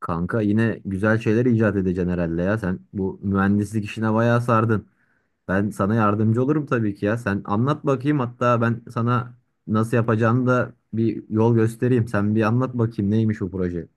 Kanka yine güzel şeyler icat edeceksin herhalde ya. Sen bu mühendislik işine bayağı sardın. Ben sana yardımcı olurum tabii ki ya. Sen anlat bakayım, hatta ben sana nasıl yapacağını da bir yol göstereyim. Sen bir anlat bakayım, neymiş bu proje.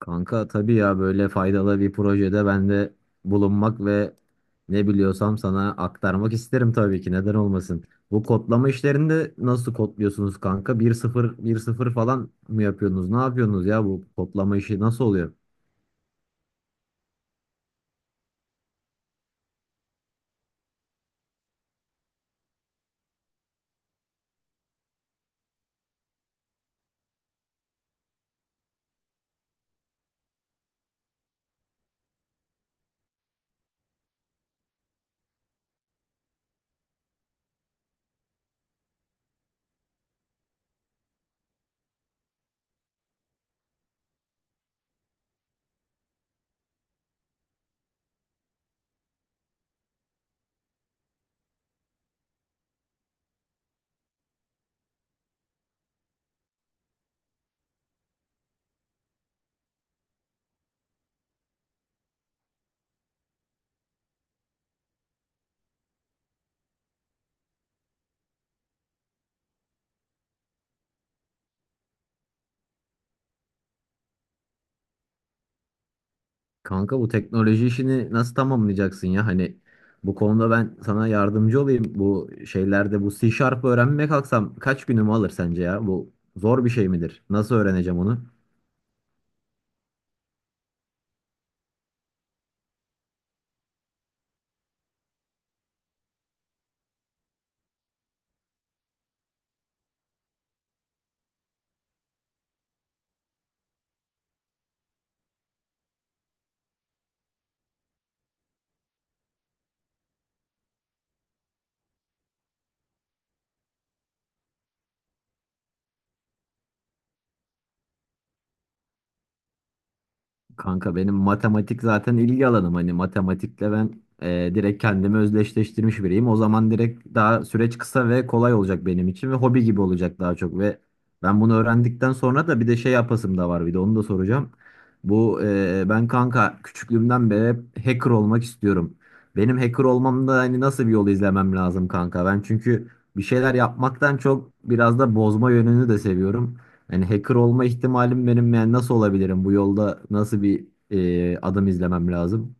Kanka tabii ya, böyle faydalı bir projede ben de bulunmak ve ne biliyorsam sana aktarmak isterim tabii ki. Neden olmasın? Bu kodlama işlerinde nasıl kodluyorsunuz kanka? Bir sıfır bir sıfır falan mı yapıyorsunuz? Ne yapıyorsunuz ya, bu kodlama işi nasıl oluyor? Kanka bu teknoloji işini nasıl tamamlayacaksın ya? Hani bu konuda ben sana yardımcı olayım. Bu şeylerde bu C Sharp öğrenmeye kalksam kaç günümü alır sence ya? Bu zor bir şey midir? Nasıl öğreneceğim onu? Kanka benim matematik zaten ilgi alanım. Hani matematikle ben direkt kendimi özdeşleştirmiş biriyim. O zaman direkt daha süreç kısa ve kolay olacak benim için ve hobi gibi olacak daha çok. Ve ben bunu öğrendikten sonra da bir de şey yapasım da var, bir de onu da soracağım. Ben kanka küçüklüğümden beri hep hacker olmak istiyorum. Benim hacker olmamda hani nasıl bir yol izlemem lazım kanka? Ben çünkü bir şeyler yapmaktan çok biraz da bozma yönünü de seviyorum. Yani hacker olma ihtimalim benim, yani nasıl olabilirim? Bu yolda nasıl bir adım izlemem lazım?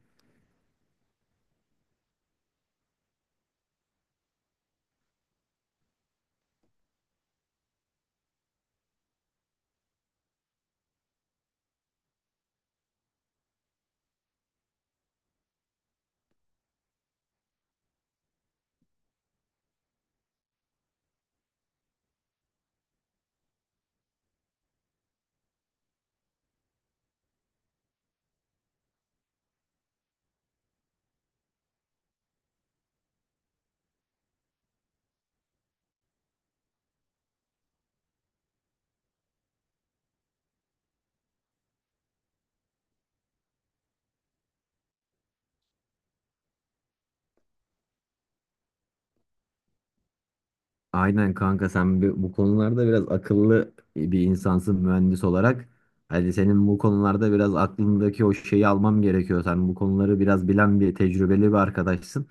Aynen kanka, sen bu konularda biraz akıllı bir insansın mühendis olarak. Hadi senin bu konularda biraz aklındaki o şeyi almam gerekiyor. Sen bu konuları biraz bilen, bir tecrübeli bir arkadaşsın.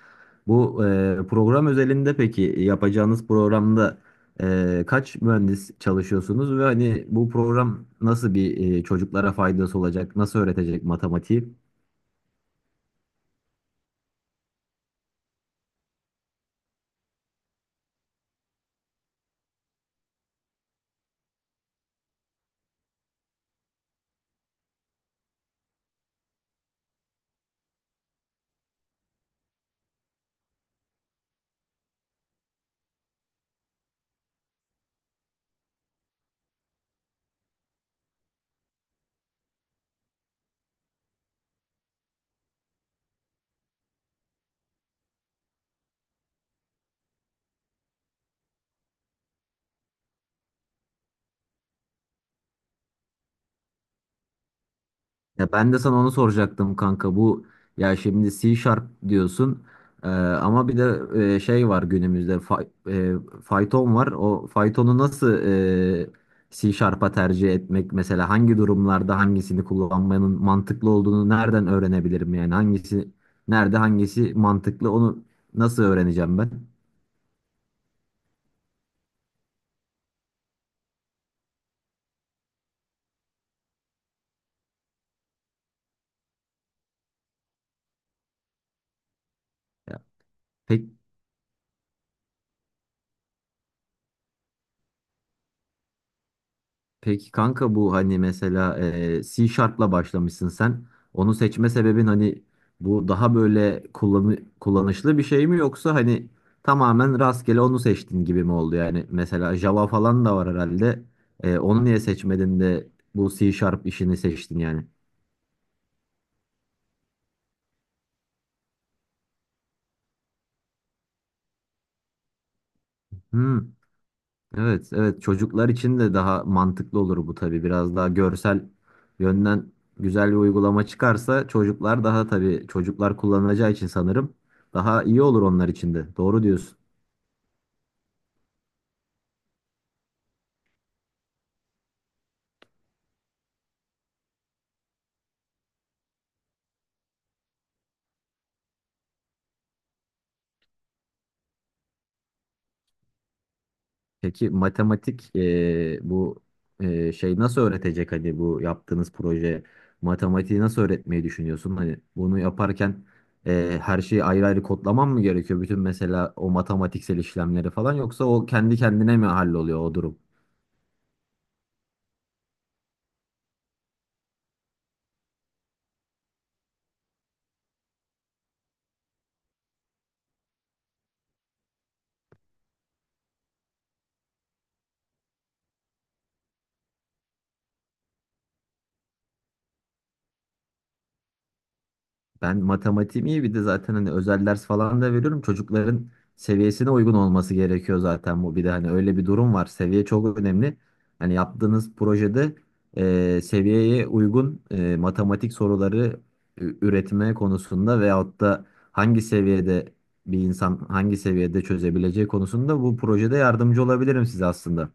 Program özelinde, peki yapacağınız programda kaç mühendis çalışıyorsunuz ve hani bu program nasıl bir, çocuklara faydası olacak? Nasıl öğretecek matematiği? Ya ben de sana onu soracaktım kanka. Ya şimdi C Sharp diyorsun. Ama bir de şey var günümüzde, e, Python var. O Python'u nasıl e, C Sharp'a tercih etmek, mesela hangi durumlarda hangisini kullanmanın mantıklı olduğunu nereden öğrenebilirim, yani hangisi nerede, hangisi mantıklı, onu nasıl öğreneceğim ben? Ya, pek Peki kanka bu, hani mesela C Sharp'la başlamışsın sen. Onu seçme sebebin hani bu daha böyle kullanışlı bir şey mi, yoksa hani tamamen rastgele onu seçtin gibi mi oldu yani? Mesela Java falan da var herhalde. Onu niye seçmedin de bu C Sharp işini seçtin yani? Hmm. Evet, evet, çocuklar için de daha mantıklı olur bu tabii. Biraz daha görsel yönden güzel bir uygulama çıkarsa, çocuklar daha, tabii çocuklar kullanacağı için sanırım daha iyi olur onlar için de. Doğru diyorsun. Peki matematik bu şey nasıl öğretecek, hani bu yaptığınız proje matematiği nasıl öğretmeyi düşünüyorsun? Hani bunu yaparken her şeyi ayrı ayrı kodlamam mı gerekiyor? Bütün mesela o matematiksel işlemleri falan, yoksa o kendi kendine mi halloluyor o durum? Ben matematiğim iyi, bir de zaten hani özel ders falan da veriyorum. Çocukların seviyesine uygun olması gerekiyor zaten bu. Bir de hani öyle bir durum var. Seviye çok önemli. Hani yaptığınız projede seviyeye uygun matematik soruları üretme konusunda, veyahut da hangi seviyede bir insan hangi seviyede çözebileceği konusunda bu projede yardımcı olabilirim size aslında.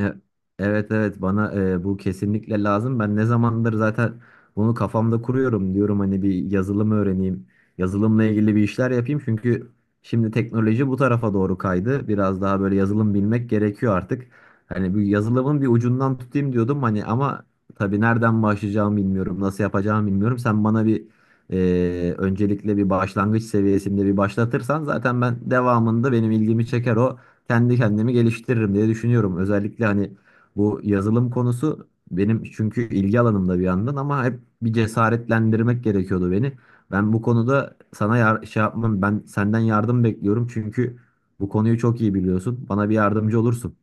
E- Evet, evet, bana bu kesinlikle lazım. Ben ne zamandır zaten bunu kafamda kuruyorum, diyorum hani bir yazılım öğreneyim. Yazılımla ilgili bir işler yapayım, çünkü şimdi teknoloji bu tarafa doğru kaydı. Biraz daha böyle yazılım bilmek gerekiyor artık. Hani bu yazılımın bir ucundan tutayım diyordum hani, ama tabii nereden başlayacağımı bilmiyorum, nasıl yapacağımı bilmiyorum. Sen bana bir, öncelikle bir başlangıç seviyesinde bir başlatırsan zaten, ben devamında benim ilgimi çeker o, kendi kendimi geliştiririm diye düşünüyorum. Özellikle hani bu yazılım konusu benim çünkü ilgi alanımda bir yandan, ama hep bir cesaretlendirmek gerekiyordu beni. Ben bu konuda sana şey yapmam, ben senden yardım bekliyorum, çünkü bu konuyu çok iyi biliyorsun. Bana bir yardımcı olursun.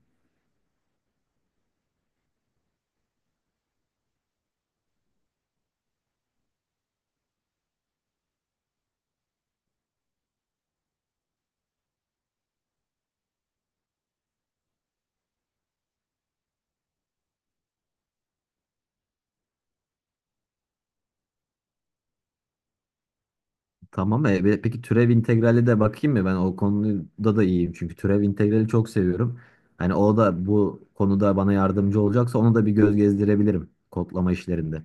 Tamam, peki türev integrali de bakayım mı? Ben o konuda da iyiyim, çünkü türev integrali çok seviyorum. Hani o da bu konuda bana yardımcı olacaksa onu da bir göz gezdirebilirim kodlama işlerinde.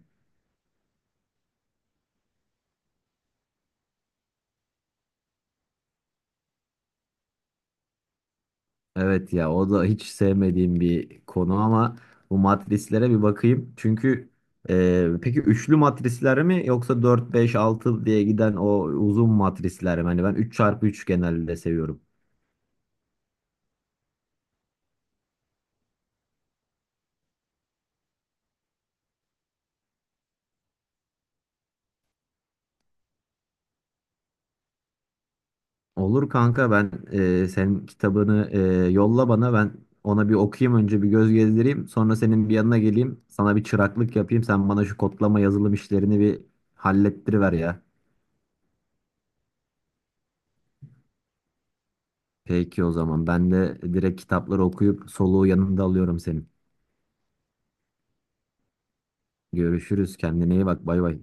Evet ya, o da hiç sevmediğim bir konu, ama bu matrislere bir bakayım. Çünkü peki üçlü matrisler mi, yoksa 4 5 6 diye giden o uzun matrisler mi? Hani ben 3x3 genelde seviyorum. Olur kanka, ben senin kitabını yolla bana, ben ona bir okuyayım, önce bir göz gezdireyim. Sonra senin bir yanına geleyim, sana bir çıraklık yapayım. Sen bana şu kodlama yazılım işlerini bir hallettiriver ya. Peki o zaman ben de direkt kitapları okuyup soluğu yanında alıyorum senin. Görüşürüz. Kendine iyi bak. Bay bay.